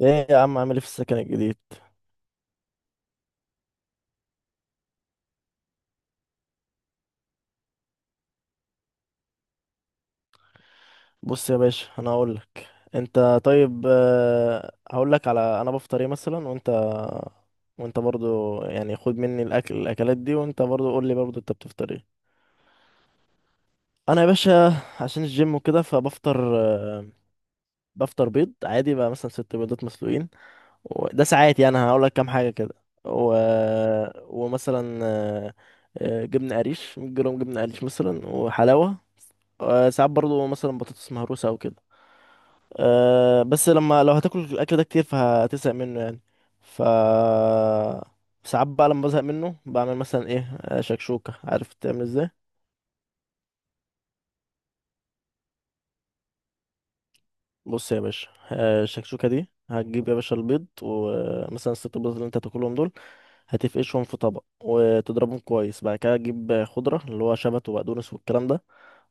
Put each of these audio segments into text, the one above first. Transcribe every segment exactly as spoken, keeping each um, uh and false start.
ايه يا عم، عامل ايه في السكن الجديد؟ بص يا باشا انا هقول لك. انت طيب. آه، هقول لك على انا بفطر ايه مثلا، وانت وانت برضو يعني خد مني الاكل، الاكلات دي، وانت برضو قول لي برضو انت بتفطر ايه. انا يا باشا عشان الجيم وكده فبفطر. آه، بفطر بيض عادي بقى، مثلا ست بيضات مسلوقين. وده ساعات يعني هقول لك كام حاجه كده. و... آه، ومثلا آه، آه، جبنه قريش، مية جرام جبنه قريش مثلا، وحلاوه. آه، ساعات برضو مثلا بطاطس مهروسه او كده. أه، بس لما لو هتاكل الاكل ده كتير فهتزهق منه يعني. ف ساعات بقى لما بزهق منه بعمل مثلا ايه، آه، شكشوكة. عارف تعمل ازاي؟ بص يا باشا، آه، الشكشوكة دي هتجيب يا باشا البيض، ومثلا الست بيض اللي انت هتاكلهم دول هتفقشهم في طبق وتضربهم كويس. بعد كده تجيب خضرة، اللي هو شبت وبقدونس والكلام ده،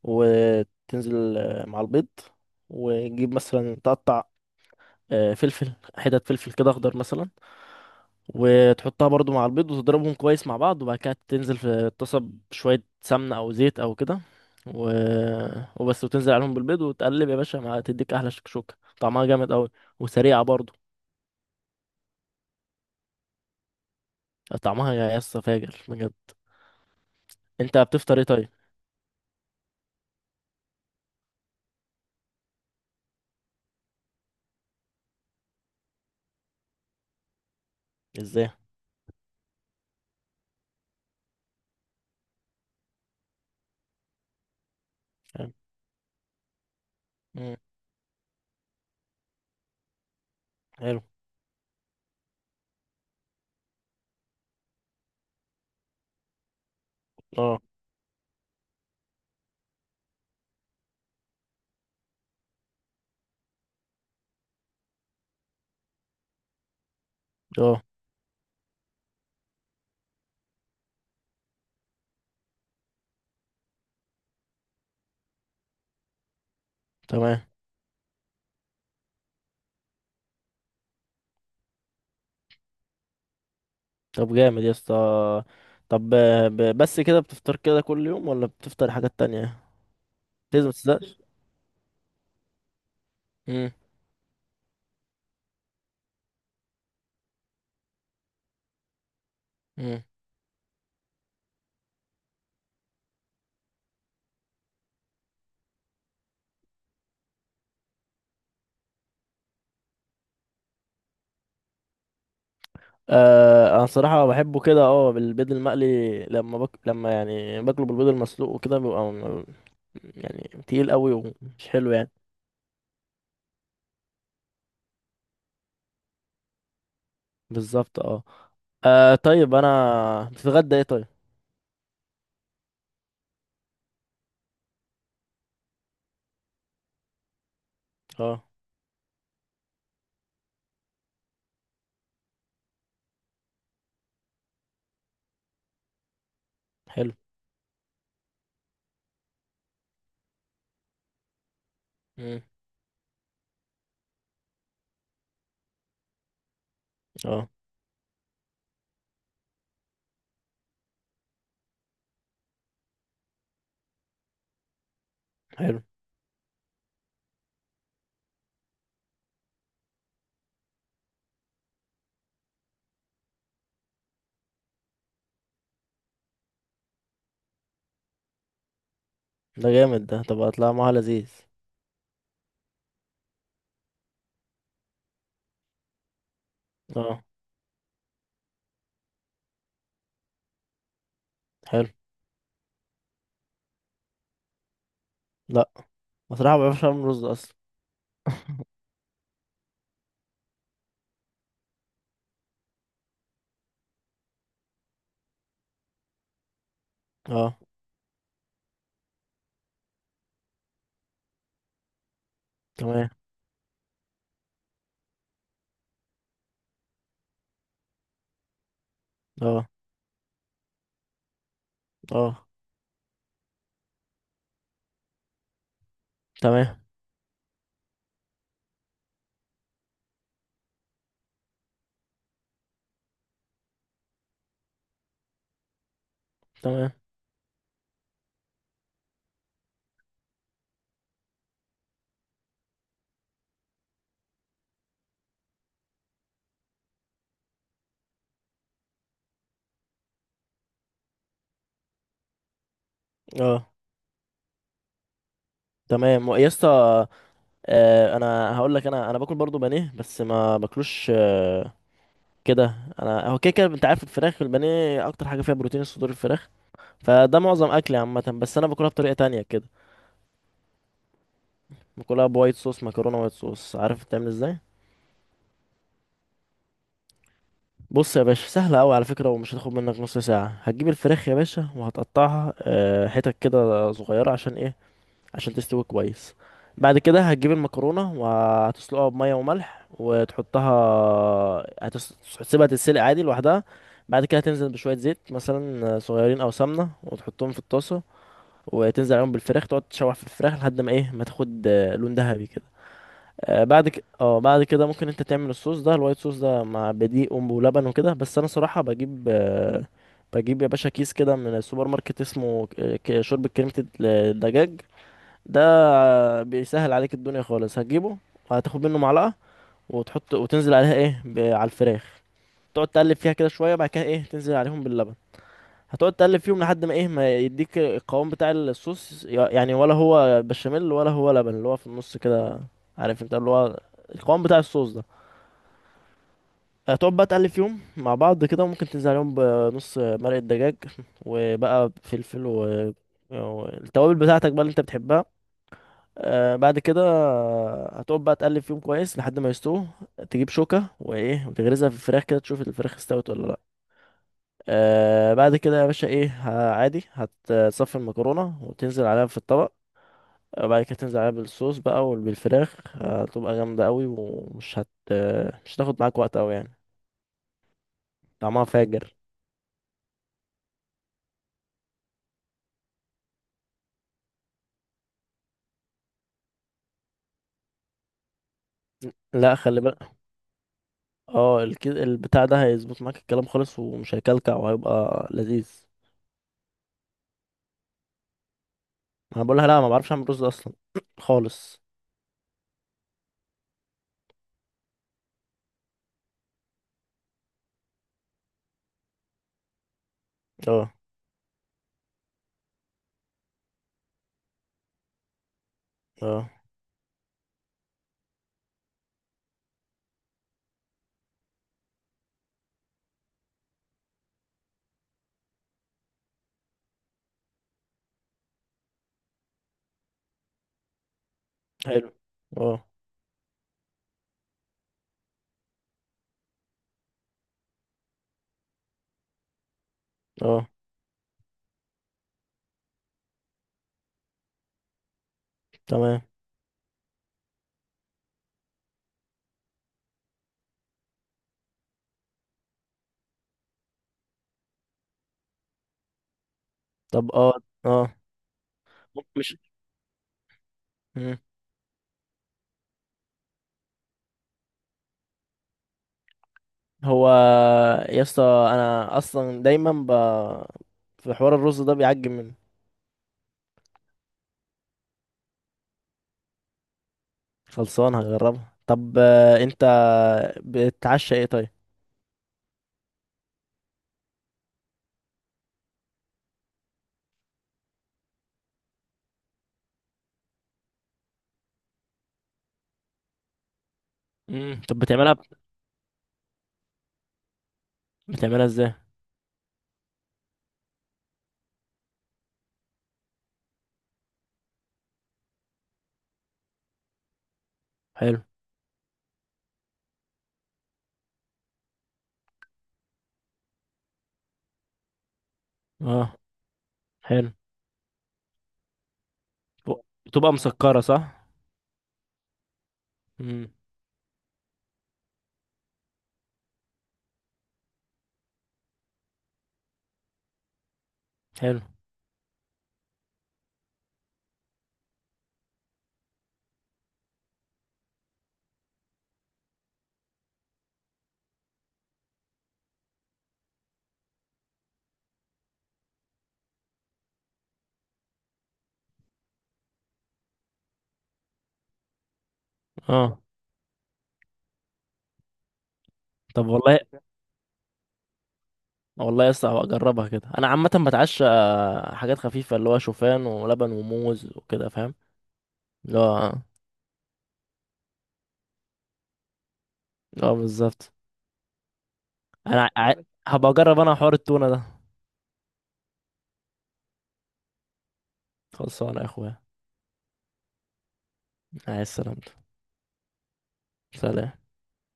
وتنزل آه، مع البيض. وتجيب مثلا تقطع آه، فلفل، حتت فلفل كده اخضر مثلا، وتحطها برضو مع البيض وتضربهم كويس مع بعض. وبعد كده تنزل في الطاسة بشوية سمنة أو زيت أو كده، و... وبس، وتنزل عليهم بالبيض وتقلب يا باشا مع، تديك أحلى شكشوكة. طعمها جامد أوي، وسريعة برضو. طعمها يا اسطى فاجر بجد. أنت بتفطر إيه طيب؟ إزاي؟ حلو. مم، حلو. أه. أه. تمام. طب جامد يا اسطى. طب ب... بس كده بتفطر كده كل يوم، ولا بتفطر حاجات تانية؟ لازم متزهقش؟ مم، مم. آه، انا صراحة بحبه كده، اه، بالبيض المقلي. لما بك... لما يعني باكله بالبيض المسلوق وكده بيبقى م- يعني تقيل قوي ومش حلو يعني. بالظبط اه. آه، طيب انا بتتغدى ايه طيب. اه. حلو. مم. اه. حلو. ده جامد ده، طب هتلاقي معاها لذيذ. اه. حلو. لا، بصراحة ما بعرفش اعمل رز اصلا. اه. تمام. اه. اه. تمام. تمام. اه. تمام يا اسطى. آه، انا هقول لك، انا انا باكل برضو بانيه بس ما باكلوش كده. انا هو كده كده، انت عارف الفراخ البانيه اكتر حاجه فيها بروتين صدور الفراخ، فده معظم اكلي عامه. بس انا باكلها بطريقه تانية كده. باكلها بوايت صوص مكرونه وايت صوص. عارف بتعمل ازاي؟ بص يا باشا، سهله قوي على فكره، ومش هتاخد منك نص ساعه. هتجيب الفراخ يا باشا وهتقطعها آه، حتت كده صغيره، عشان ايه؟ عشان تستوي كويس. بعد كده هتجيب المكرونه وهتسلقها بميه وملح، وتحطها. هتس- هتسيبها تتسلق عادي لوحدها. بعد كده تنزل بشوية زيت مثلا آه، صغيرين أو سمنة، وتحطهم في الطاسة، وتنزل عليهم بالفراخ. تقعد تشوح في الفراخ لحد ما ايه، ما تاخد آه، لون ذهبي كده. آه، بعد كده اه بعد كده ممكن انت تعمل الصوص ده، الوايت صوص ده، مع بدقيق ولبن وكده. بس انا صراحة بجيب، آه، بجيب يا باشا كيس كده من السوبر ماركت، اسمه ك- ك- شوربة كريمة الدجاج ده. آه، بيسهل عليك الدنيا خالص. هتجيبه وهتاخد منه معلقة، وتحط وتنزل عليها ايه ب- على الفراخ، تقعد تقلب فيها كده شوية. بعد كده ايه، تنزل عليهم باللبن. هتقعد تقلب فيهم لحد ما ايه، ما يديك القوام بتاع الصوص، يعني ولا هو بشاميل ولا هو لبن، اللي هو في النص كده. عارف انت، اللي هو القوام بتاع الصوص ده. هتقعد بقى تقلب فيهم مع بعض كده. وممكن تنزل عليهم بنص مرقة دجاج، وبقى فلفل و... والتوابل بتاعتك بقى اللي انت بتحبها. آه بعد كده هتقعد بقى تقلب فيهم كويس لحد ما يستووا. تجيب شوكة وايه وتغرزها في الفراخ كده، تشوف الفراخ استوت ولا لا. آه بعد كده يا باشا ايه، ه- عادي هتصفي المكرونة وتنزل عليها في الطبق، وبعد كده تنزل عليها بالصوص بقى وبالفراخ. هتبقى جامدة قوي، ومش هت آه، مش هتاخد معاك وقت قوي يعني. طعمها فاجر. لا، خلي بالك. اه الكد... البتاع ده هيظبط معاك الكلام خالص، ومش هيكلكع وهيبقى لذيذ. انا بقولها لا، ما بعرفش اعمل رز اصلا خالص. اه. اه. حلو. اه. اه. تمام. طب اه. اه. مش مم. هو، يا اسطى، انا اصلا دايما ب... في حوار الرز ده بيعجب مني. خلصان هجربها. طب، آه، انت بتتعشى ايه طيب؟ امم. طب بتعملها، بتعملها ازاي؟ حلو. اه. حلو. بت- بتبقى مسكرة صح؟ امم. حلو. اه. طب والله، والله يا اسطى هبقى اجربها كده. انا عامة بتعشى آه، حاجات خفيفة، اللي هو شوفان ولبن وموز وكده فاهم، اللي هو، اه بالظبط. انا ع... هبقى اجرب انا حوار التونة ده. خلصانه يا اخويا. عايز سلامته. سلام.